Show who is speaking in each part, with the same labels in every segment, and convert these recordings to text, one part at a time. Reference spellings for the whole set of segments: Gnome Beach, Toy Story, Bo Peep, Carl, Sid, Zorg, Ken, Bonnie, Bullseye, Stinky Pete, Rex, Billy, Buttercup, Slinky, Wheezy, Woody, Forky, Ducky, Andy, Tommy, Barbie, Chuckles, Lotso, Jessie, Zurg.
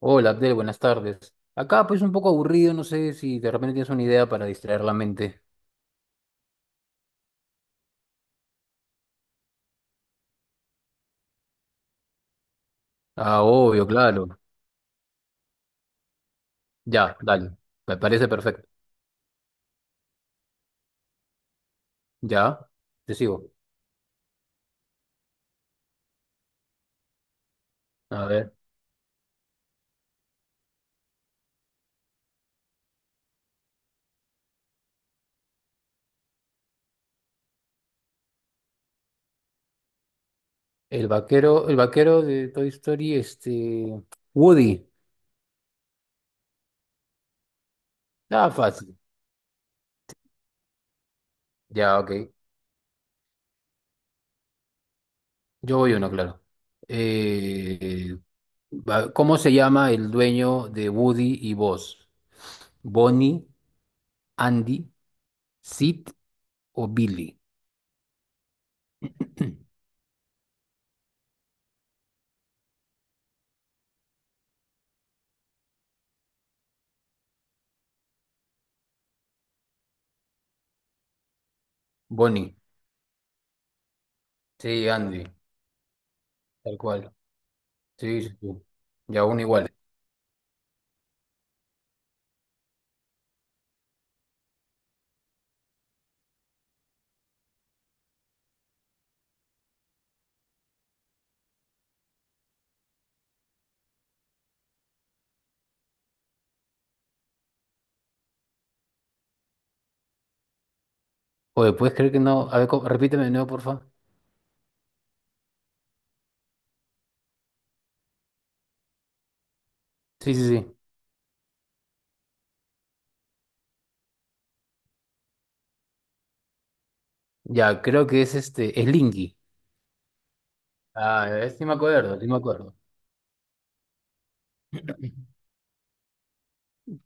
Speaker 1: Hola Abdel, buenas tardes. Acá pues un poco aburrido, no sé si de repente tienes una idea para distraer la mente. Ah, obvio, claro. Ya, dale. Me parece perfecto. Ya, te sigo. A ver. El vaquero de Toy Story, Woody. Ah, fácil. Ya, ok. Yo voy uno, claro. Eh, ¿Cómo se llama el dueño de Woody y Buzz? ¿Bonnie, Andy, Sid o Billy? Bonnie. Sí, Andy. Tal cual. Sí, sí, sí. Y aún igual. Oye, ¿puedes creer que no? A ver, repíteme de nuevo, porfa. Sí, sí, sí. Ya, creo que es este, es Linky. Ah, sí me acuerdo, sí me acuerdo.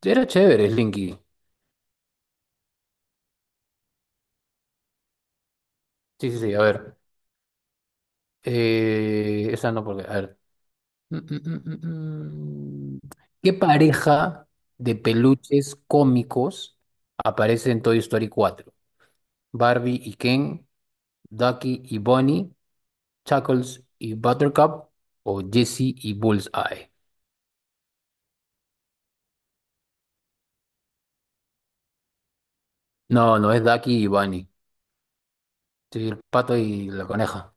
Speaker 1: Era chévere, Slinky. Sí, sí, sí, a ver. Esa no, porque, a ver. Mm, mm, mm, mm, mm. ¿Qué pareja de peluches cómicos aparece en Toy Story cuatro? ¿Barbie y Ken? ¿Ducky y Bonnie? ¿Chuckles y Buttercup? ¿O Jessie y Bullseye? No, no es Ducky y Bunny. Sí, el pato y la coneja.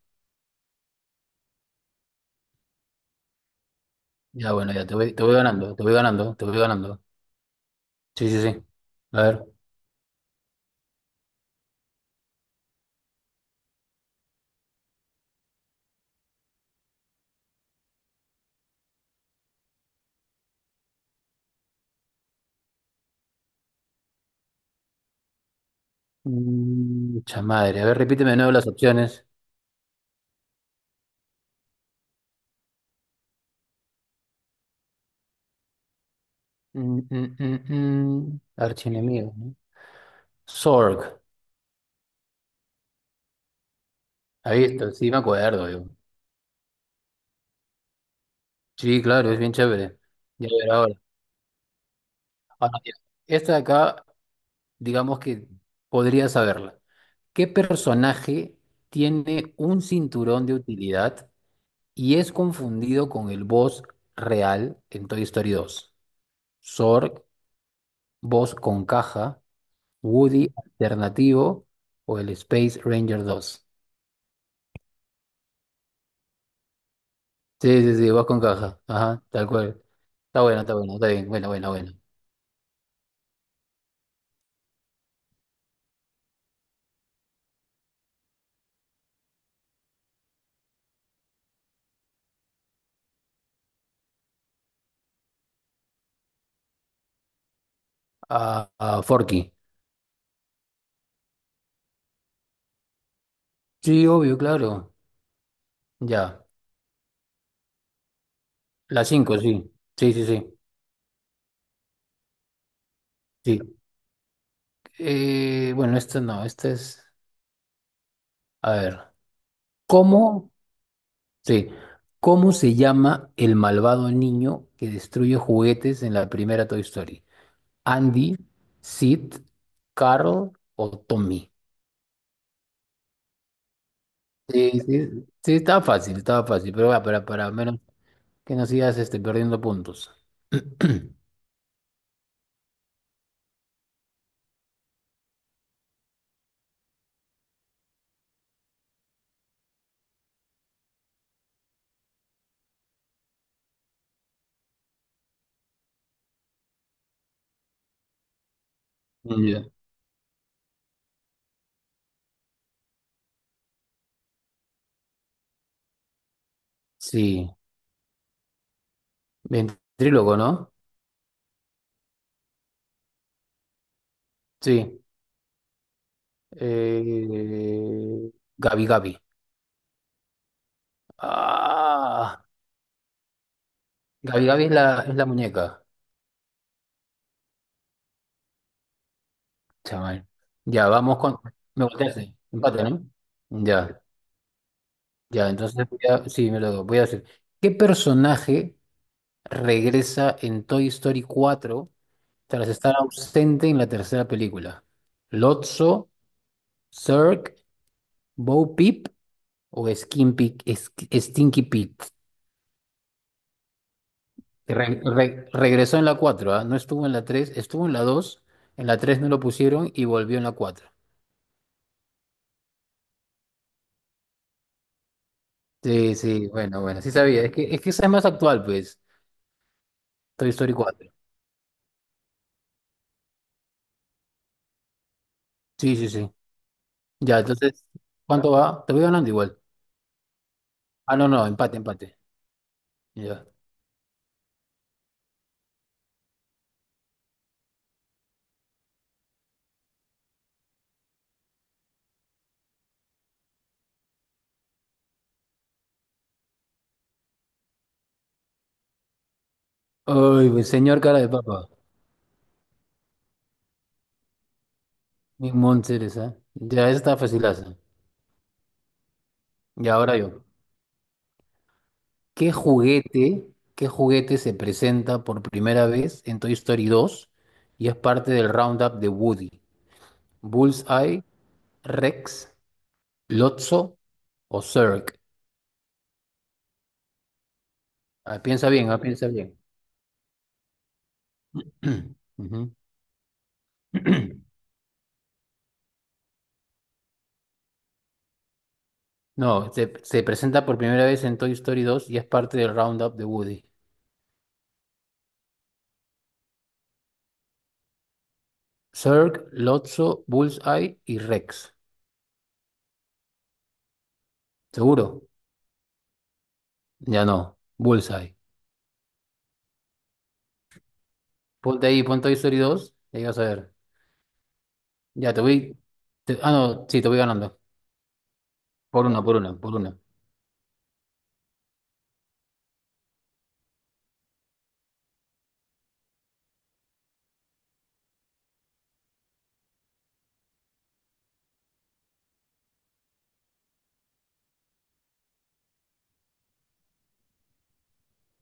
Speaker 1: Ya, bueno, ya te voy ganando, te voy ganando, te voy ganando. Sí, sí, sí. A ver. Mm, mucha madre. A ver, repíteme de nuevo las opciones. Mm. Archienemigo, ¿no? Zorg. Ahí está, sí me acuerdo yo. Sí, claro, es bien chévere. Ya ver ahora. Ahora, mira, esta de acá, digamos que podría saberla. ¿Qué personaje tiene un cinturón de utilidad y es confundido con el boss real en Toy Story dos? ¿Zorg, boss con caja, Woody alternativo o el Space Ranger dos? Sí, sí, sí, boss con caja. Ajá, tal cual. Está bueno, está bueno, está bien. Bueno, bueno, bueno. Forky. Sí, obvio, claro. Ya. La 5 sí. Sí, sí, sí. Sí. Bueno, esta no, esta es. A ver. ¿Cómo Sí. ¿Cómo se llama el malvado niño que destruye juguetes en la primera Toy Story? ¿Andy, Sid, Carl o Tommy? Sí, sí, sí, estaba fácil, pero va, para menos que no sigas perdiendo puntos. Ya. Sí, ventrílogo, ¿no? Sí. Eh, Gabi Gabi. Ah, Gabi Gabi es es la muñeca. Chaval. Ya, vamos con. Me volteaste. Empate, ¿no? Ya, ya. Entonces, sí, me lo doy. Voy a decir. ¿Qué personaje regresa en Toy Story cuatro tras estar ausente en la tercera película? ¿Lotso, Zurg, Bo Peep o Stinky Pete? ¿Regresó en la cuatro, ah? No estuvo en la 3, estuvo en la dos. En la tres no lo pusieron y volvió en la 4. Sí, sí, bueno, bueno, sí sabía. Es que esa es más actual, pues. Toy Story cuatro. Sí, sí, sí. Ya, entonces, ¿cuánto va? Te voy ganando igual. Ah, no, no, empate, empate. Ya. Ay, pues, señor cara de papa. Mi Mom Ceres, ¿eh? Ya, esa está facilaza. Y ahora yo. ¿Qué juguete, ¿qué juguete se presenta por primera vez en Toy Story dos y es parte del Roundup de Woody? ¿Bullseye, Rex, Lotso o Zurg? Ah, piensa bien, ah, piensa bien. Ujú. No, se presenta por primera vez en Toy Story dos y es parte del Roundup de Woody. Zurg, Lotso, Bullseye y Rex. ¿Seguro? Ya no, Bullseye. Ponte ahí, pon Toy Story dos, y ahí vas a ver. Ya te voy. Ah, no, sí, te voy ganando. Por una, por una, por una.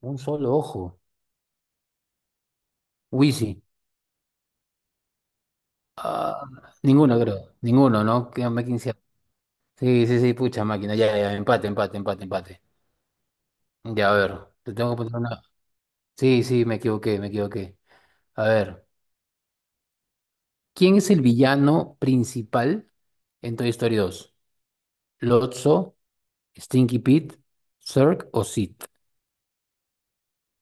Speaker 1: Un solo ojo. Wheezy. Ah, ninguno, creo. Ninguno, ¿no? Quedan más. Sí, sí, sí, pucha máquina. Ya, ya, empate, empate, empate, empate. Ya, a ver. Te tengo que poner una. Sí, sí, me equivoqué, me equivoqué. A ver. ¿Quién es el villano principal en Toy Story dos? ¿Lotso, Stinky Pete, Zurg o Sid?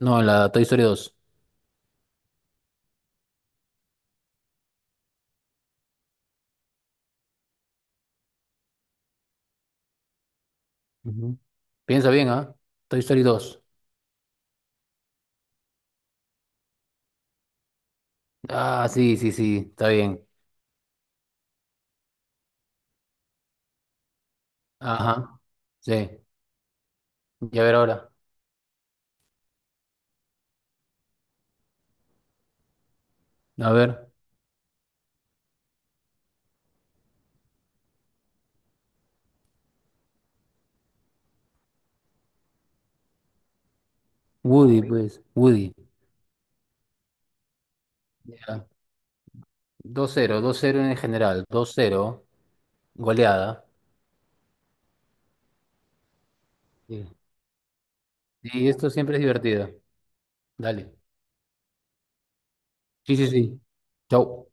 Speaker 1: No, en la Toy Story dos. Ujú. Piensa bien, ¿ah? Toy Story dos. Ah, sí, sí, sí, está bien. Ajá, sí. Y a ver ahora. A ver. Woody, pues. Woody. Ya. 2-0, 2-0 en general. Dos cero. Goleada. Sí. Sí, esto siempre es divertido. Dale. Sí, sí, sí. Chau.